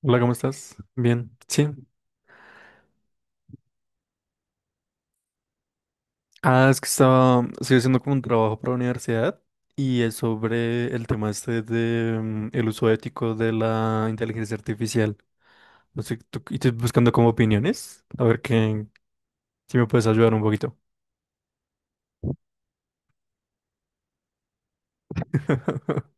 Hola, ¿cómo estás? Bien, sí. Ah, es que estoy haciendo como un trabajo para la universidad y es sobre el tema este de el uso ético de la inteligencia artificial. No sé, y estoy buscando como opiniones, a ver qué, si me puedes ayudar un poquito.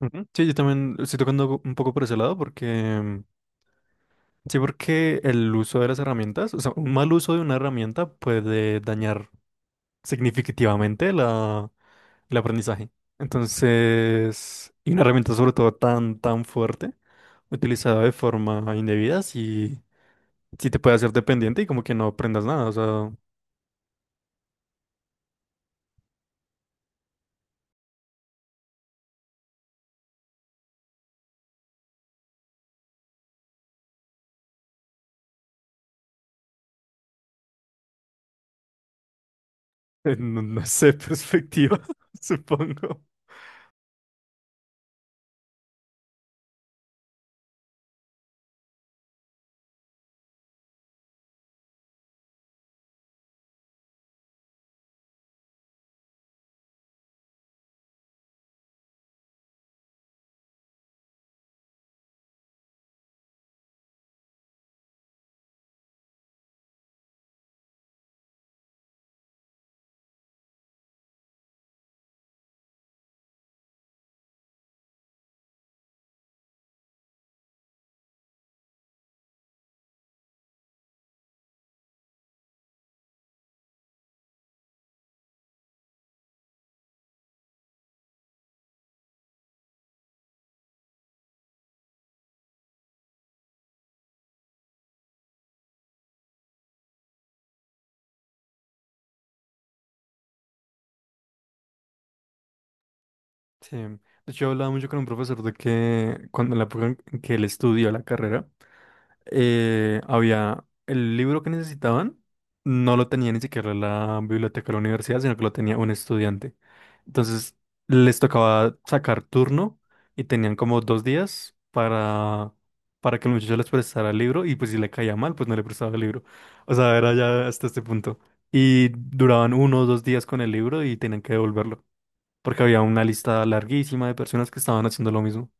Ujú. Sí, yo también estoy tocando un poco por ese lado porque... Sí, porque el uso de las herramientas, o sea, un mal uso de una herramienta puede dañar significativamente el aprendizaje. Entonces, y una herramienta sobre todo tan fuerte, utilizada de forma indebida, sí, sí te puede hacer dependiente y como que no aprendas nada, o sea, no, no sé, perspectiva, supongo. Sí. De hecho, yo hablaba mucho con un profesor de que cuando en la época en que él estudió la carrera, había el libro que necesitaban, no lo tenía ni siquiera la biblioteca de la universidad, sino que lo tenía un estudiante. Entonces, les tocaba sacar turno y tenían como dos días para que el muchacho les prestara el libro y pues si le caía mal, pues no le prestaba el libro. O sea, era ya hasta este punto. Y duraban uno o dos días con el libro y tenían que devolverlo porque había una lista larguísima de personas que estaban haciendo lo mismo,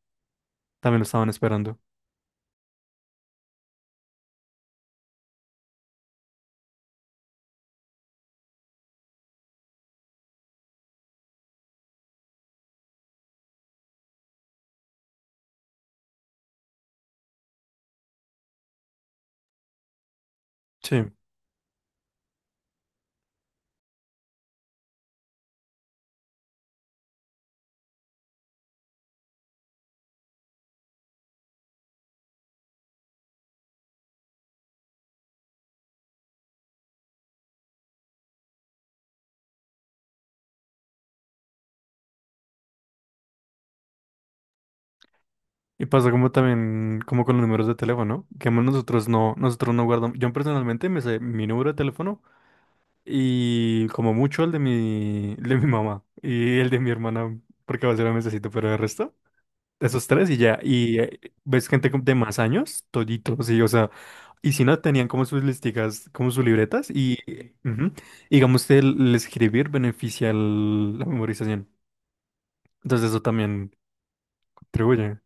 también lo estaban esperando. Sí. Y pasa como también, como con los números de teléfono, que nosotros no guardamos, yo personalmente me sé mi número de teléfono y como mucho el de el de mi mamá y el de mi hermana, porque a veces lo necesito, pero el resto. Esos tres y ya, y ves gente de más años, toditos, sí, o sea, y si no, tenían como sus listicas, como sus libretas, y ujú, digamos que el escribir beneficia la memorización, entonces eso también contribuye,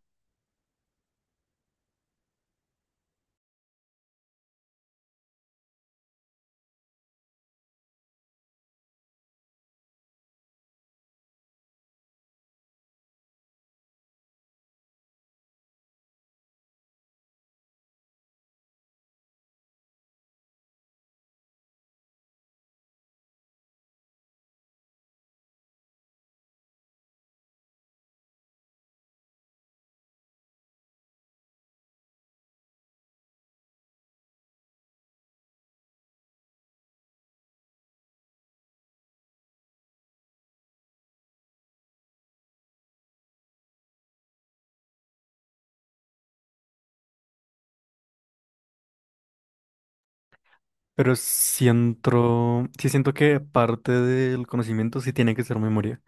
pero siento, sí siento que parte del conocimiento sí tiene que ser memoria,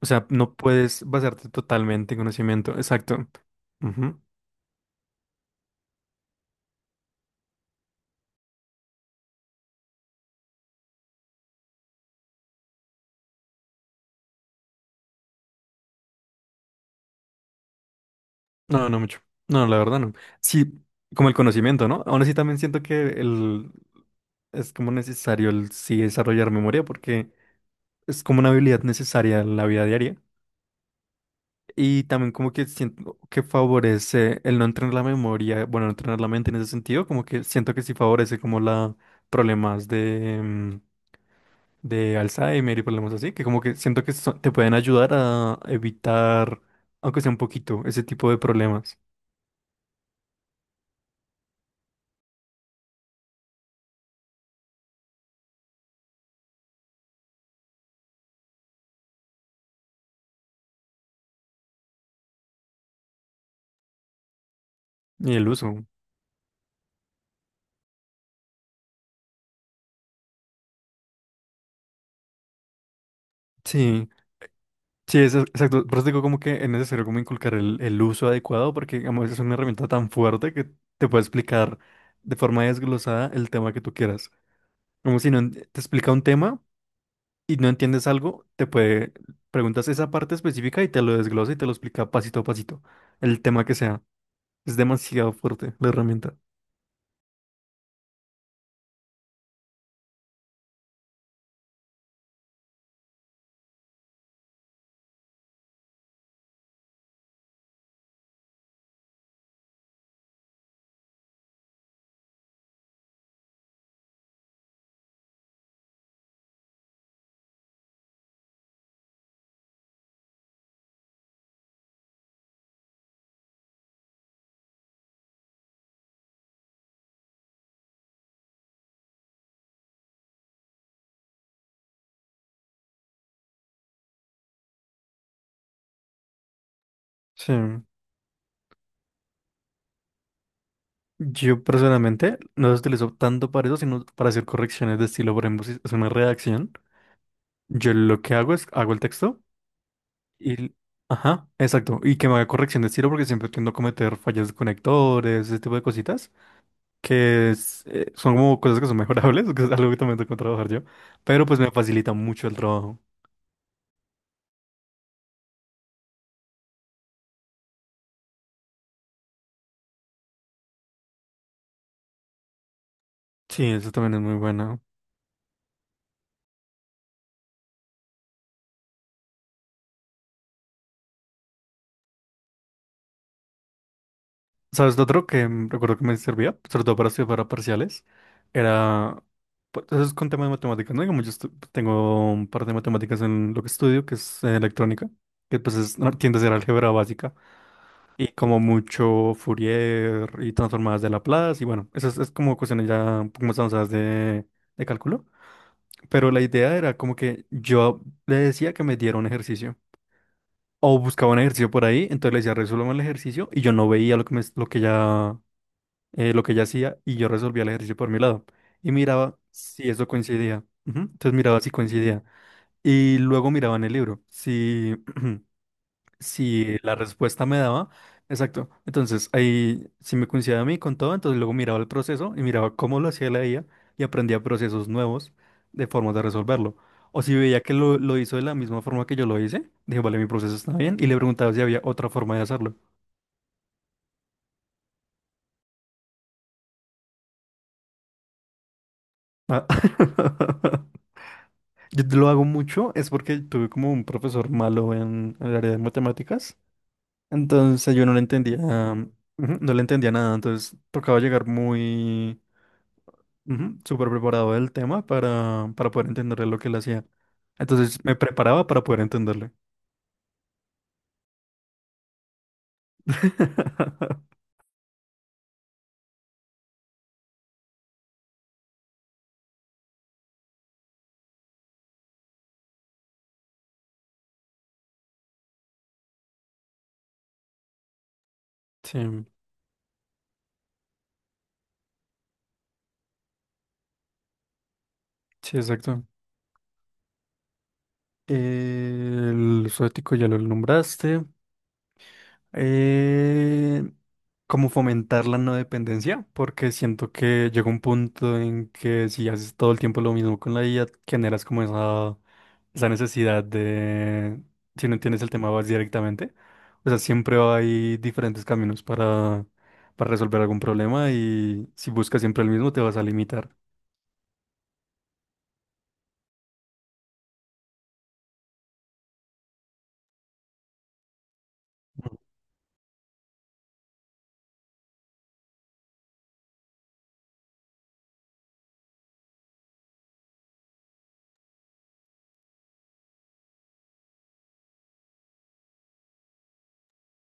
o sea, no puedes basarte totalmente en conocimiento, exacto. Ujú. No, no mucho. No, la verdad no. Sí, como el conocimiento, ¿no? Aún así también siento que el es como necesario el sí desarrollar memoria porque es como una habilidad necesaria en la vida diaria. Y también como que siento que favorece el no entrenar la memoria, bueno, no entrenar la mente en ese sentido, como que siento que sí favorece como la problemas de, de Alzheimer y problemas así, que como que siento que te pueden ayudar a evitar, aunque sea un poquito, ese tipo de problemas y el uso. Sí, sí, eso, exacto. Por eso digo como que es necesario como inculcar el uso adecuado porque digamos, es una herramienta tan fuerte que te puede explicar de forma desglosada el tema que tú quieras. Como si no te explica un tema y no entiendes algo, te puede, preguntas esa parte específica y te lo desglosa y te lo explica pasito a pasito, el tema que sea. Es demasiado fuerte la herramienta. Sí. Yo personalmente no lo utilizo tanto para eso, sino para hacer correcciones de estilo. Por ejemplo, si es una redacción, yo lo que hago es hago el texto. Y, ajá, exacto. Y que me haga corrección de estilo porque siempre tiendo a cometer fallas de conectores, ese tipo de cositas, que es, son como cosas que son mejorables, que es algo que también tengo que trabajar yo, pero pues me facilita mucho el trabajo. Sí, eso también es muy bueno. ¿Sabes? Lo otro que recuerdo que me servía, sobre todo para estudiar para parciales, era... pues, eso es con tema de matemáticas, ¿no? Digamos, tengo un par de matemáticas en lo que estudio, que es electrónica, que pues es, no, tiende a ser álgebra básica. Y como mucho Fourier y transformadas de Laplace, y bueno, eso es como cuestiones ya un poco más avanzadas de cálculo. Pero la idea era como que yo le decía que me diera un ejercicio, o buscaba un ejercicio por ahí, entonces le decía, resuélveme el ejercicio, y yo no veía lo que, me, lo que ya, lo que ella hacía, y yo resolvía el ejercicio por mi lado. Y miraba si eso coincidía. Ujú. Entonces miraba si coincidía. Y luego miraba en el libro, si... si la respuesta me daba. Exacto. Entonces, ahí, si me coincidía a mí con todo, entonces luego miraba el proceso y miraba cómo lo hacía la IA y aprendía procesos nuevos de formas de resolverlo. O si veía que lo hizo de la misma forma que yo lo hice, dije, vale, mi proceso está bien, y le preguntaba si había otra forma de hacerlo. Ah, yo lo hago mucho, es porque tuve como un profesor malo en el área de matemáticas. Entonces yo no le entendía, ujú, no le entendía nada, entonces tocaba llegar muy ujú, súper preparado del tema para poder entenderle lo que él hacía. Entonces me preparaba para poder entenderle. Sí, sí, exacto. El zoético ya lo nombraste. Eh, como fomentar la no dependencia, porque siento que llega un punto en que si haces todo el tiempo lo mismo con la IA, generas como esa necesidad de, si no entiendes el tema, vas directamente. O sea, siempre hay diferentes caminos para resolver algún problema y si buscas siempre el mismo, te vas a limitar.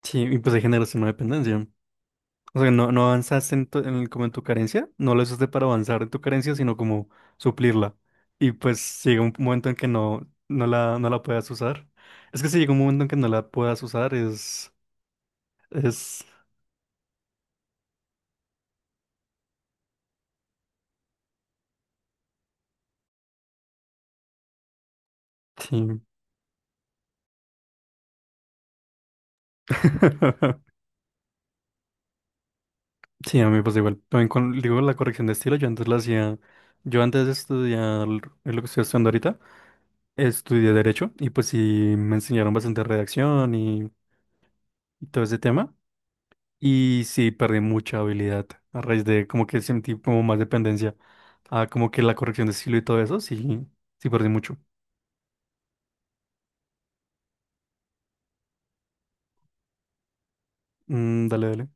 Sí, y pues ahí generas una dependencia. O sea, no, no avanzaste en como en tu carencia, no lo usaste para avanzar en tu carencia, sino como suplirla. Y pues llega un momento en que no, no la, no la puedas usar. Es que si llega un momento en que no la puedas usar, es, sí. Sí, a mí me pasa igual. También con, digo, la corrección de estilo, yo antes la hacía, yo antes de estudiar lo que estoy estudiando ahorita, estudié Derecho y pues sí me enseñaron bastante redacción y todo ese tema. Y sí, perdí mucha habilidad a raíz de como que sentí como más dependencia a como que la corrección de estilo y todo eso. Sí, sí, perdí mucho. Mm, dale, dale.